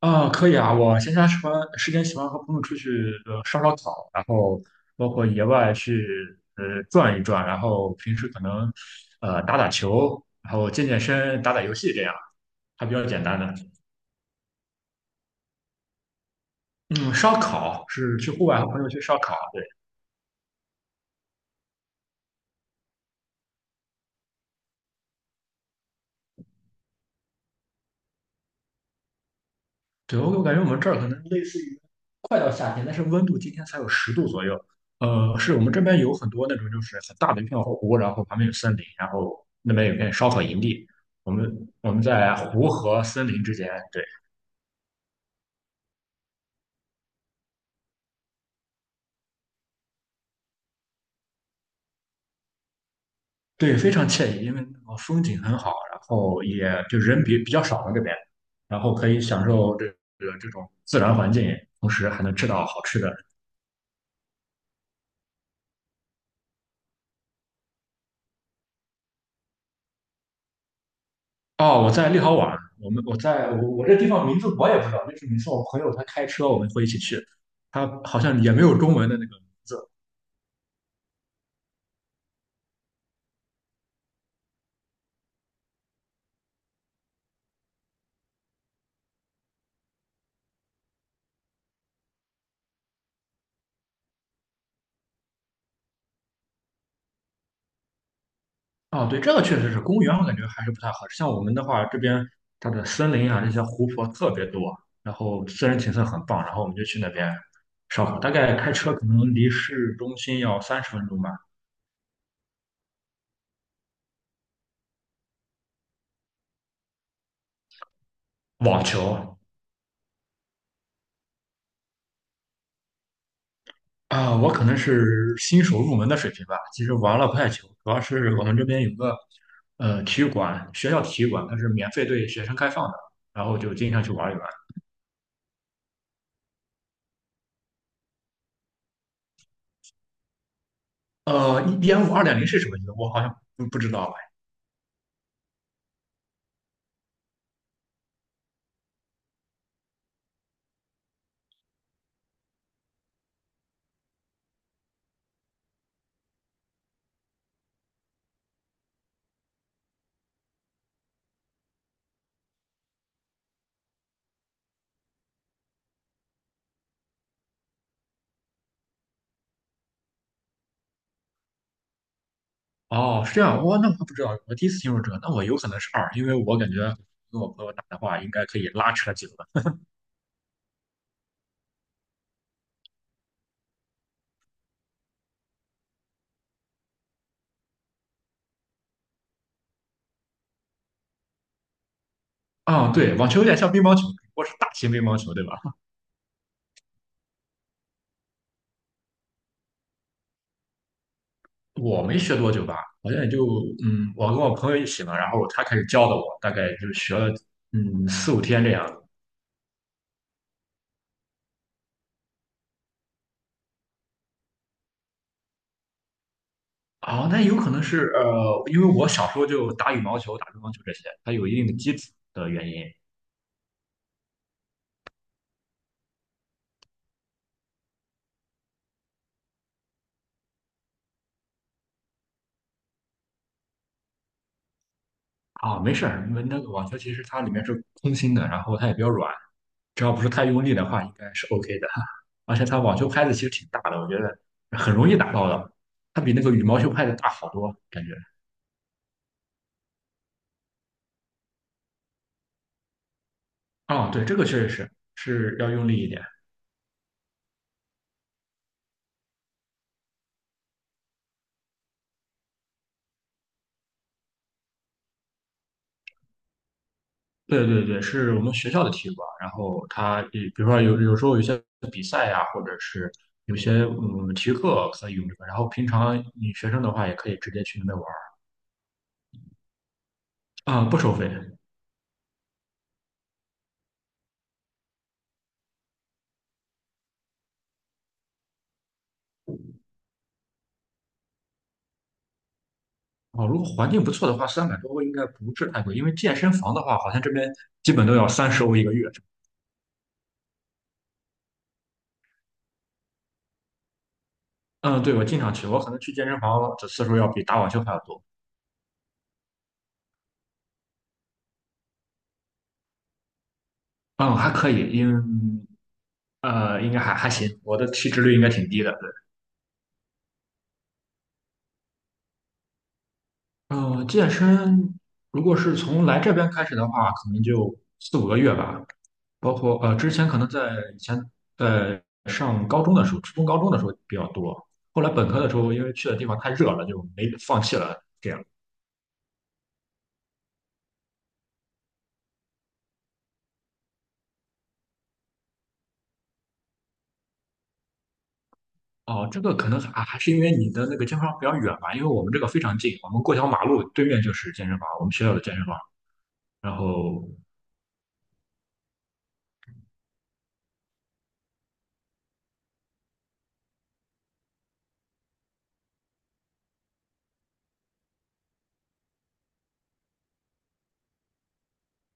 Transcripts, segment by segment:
啊，可以啊，我闲暇时间喜欢和朋友出去烧烤，然后包括野外去转一转，然后平时可能打打球，然后健健身、打打游戏这样，还比较简单的。嗯，烧烤是去户外和朋友去烧烤，对。对，我感觉我们这儿可能类似于快到夏天，但是温度今天才有10度左右。是我们这边有很多那种就是很大的一片湖，然后旁边有森林，然后那边有片烧烤营地。我们我们在湖和森林之间，对。对，非常惬意，因为那个风景很好，然后也就人比较少嘛这边，然后可以享受这种自然环境，同时还能吃到好吃的。哦，我在立豪宛，我们我在我我这地方名字我也不知道，就是每次我朋友他开车，我们会一起去，他好像也没有中文的那个。哦，对，这个确实是公园，我感觉还是不太合适。像我们的话，这边它的森林啊，这些湖泊特别多，然后自然景色很棒，然后我们就去那边烧烤，大概开车可能离市中心要30分钟吧。网球。啊，我可能是新手入门的水平吧。其实玩了不太久，主要是我们这边有个体育馆，学校体育馆它是免费对学生开放的，然后就经常去玩一玩。五二点零是什么意思？我好像不知道哎。哦，是这样，我那我还不知道，我第一次听说这个，那我有可能是二，因为我感觉跟我朋友打的话，应该可以拉扯几轮。啊，对，网球有点像乒乓球，不过是大型乒乓球，对吧？我没学多久吧，好像也就我跟我朋友一起嘛，然后他开始教的我，大概就学了四五天这样子。哦，那有可能是因为我小时候就打羽毛球、打乒乓球这些，它有一定的基础的原因。啊、没事儿，因为那个网球其实它里面是空心的，然后它也比较软，只要不是太用力的话，应该是 OK 的。而且它网球拍子其实挺大的，我觉得很容易打到的，它比那个羽毛球拍子大好多，感觉。啊、对，这个确实是是要用力一点。对对对，是我们学校的体育馆。然后它，比如说有时候有些比赛呀、或者是有些体育课可以用这个。然后平常你学生的话，也可以直接去那边玩儿啊、不收费。哦，如果环境不错的话，300多欧应该不是太贵，因为健身房的话，好像这边基本都要30欧一个月。嗯，对，我经常去，我可能去健身房的次数要比打网球还要多。嗯，还可以，应该还行，我的体脂率应该挺低的。健身如果是从来这边开始的话，可能就四五个月吧。包括之前可能在以前在上高中的时候，初中高中的时候比较多。后来本科的时候，因为去的地方太热了，就没放弃了。这样。哦，这个可能还是因为你的那个健身房比较远吧，因为我们这个非常近，我们过条马路对面就是健身房，我们学校的健身房。然后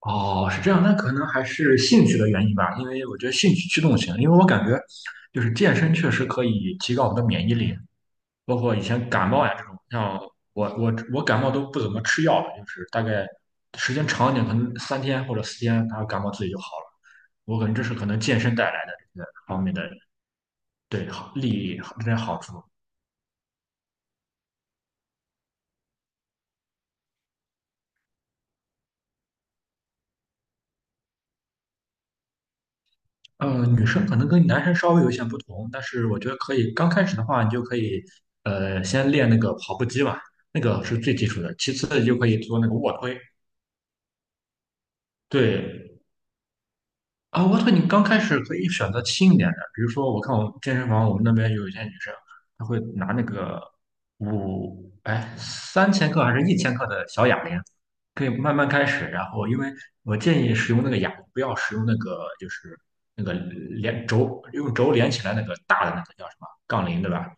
哦，是这样，那可能还是兴趣的原因吧，因为我觉得兴趣驱动型，因为我感觉就是健身确实可以提高我们的免疫力，包括以前感冒呀这种，像我感冒都不怎么吃药的，就是大概时间长一点，可能3天或者4天，它感冒自己就好了。我感觉这是可能健身带来的这个方面的对好利益这些好处。女生可能跟男生稍微有一些不同，但是我觉得可以，刚开始的话，你就可以，先练那个跑步机吧，那个是最基础的。其次，你就可以做那个卧推。对，啊，卧推你刚开始可以选择轻一点的，比如说，我看我们健身房，我们那边有一些女生，她会拿那个3千克还是1千克的小哑铃，可以慢慢开始，然后因为我建议使用那个哑铃，不要使用那个就是那个连轴用轴连起来那个大的那个叫什么杠铃，对吧？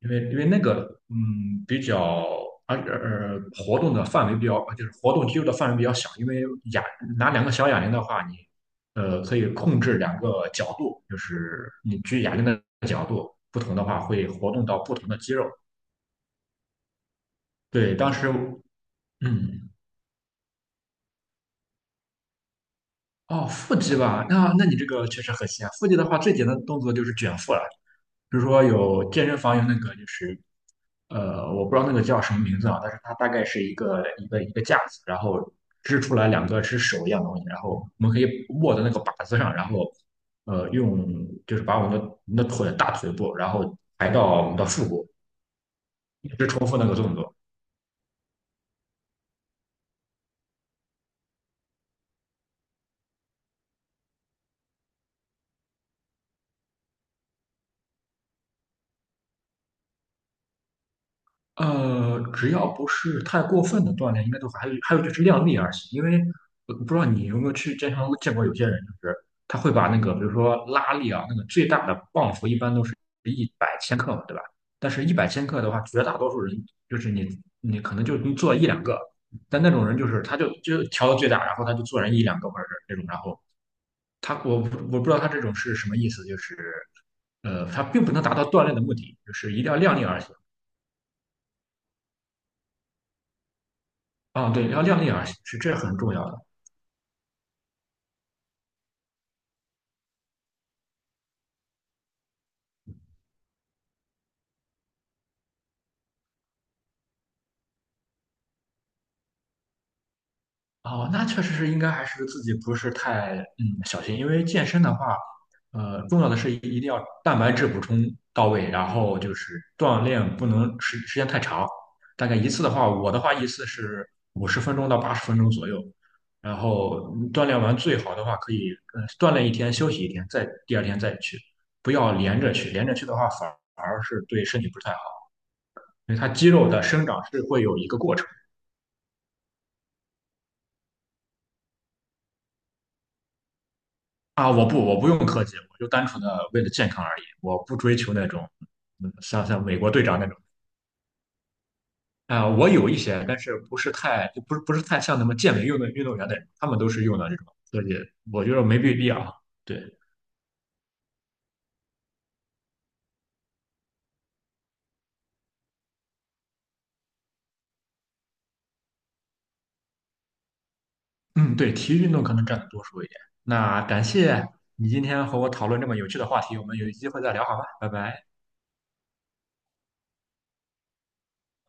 因为那个比较而呃活动的范围比较就是活动肌肉的范围比较小，因为哑拿两个小哑铃的话，你可以控制两个角度，就是你举哑铃的角度不同的话，会活动到不同的肌肉。对，当时嗯哦，腹肌吧，那你这个确实很像。腹肌的话，最简单的动作就是卷腹了。比如说有健身房有那个就是，我不知道那个叫什么名字啊，但是它大概是一个一个一个架子，然后支出来两个是手一样的东西，然后我们可以握在那个把子上，然后用就是把我们的大腿部，然后抬到我们的腹部，一直重复那个动作。只要不是太过分的锻炼，应该都还有就是量力而行。因为我不知道你有没有去健身房见过有些人，就是他会把那个比如说拉力啊，那个最大的磅幅一般都是一百千克嘛，对吧？但是一百千克的话，绝大多数人就是你可能就能做一两个，但那种人就是他就调到最大，然后他就做人一两个或者是这种，然后他我不知道他这种是什么意思，就是他并不能达到锻炼的目的，就是一定要量力而行。啊，对，要量力而行，是这很重要的。哦，那确实是应该还是自己不是太小心，因为健身的话，重要的是一定要蛋白质补充到位，然后就是锻炼不能时间太长，大概一次的话，我的话一次是50分钟到80分钟左右，然后锻炼完最好的话可以，锻炼一天休息一天，再第二天再去，不要连着去，连着去的话反而是对身体不太好，因为它肌肉的生长是会有一个过程。啊，我不用科技，我就单纯的为了健康而已，我不追求那种，嗯，像美国队长那种。啊、我有一些，但是不是太，就不是太像那么健美运动员那种，他们都是用的这种科技，我觉得没必要。对，嗯，对，体育运动可能占的多数一点。那感谢你今天和我讨论这么有趣的话题，我们有机会再聊好吧，拜拜。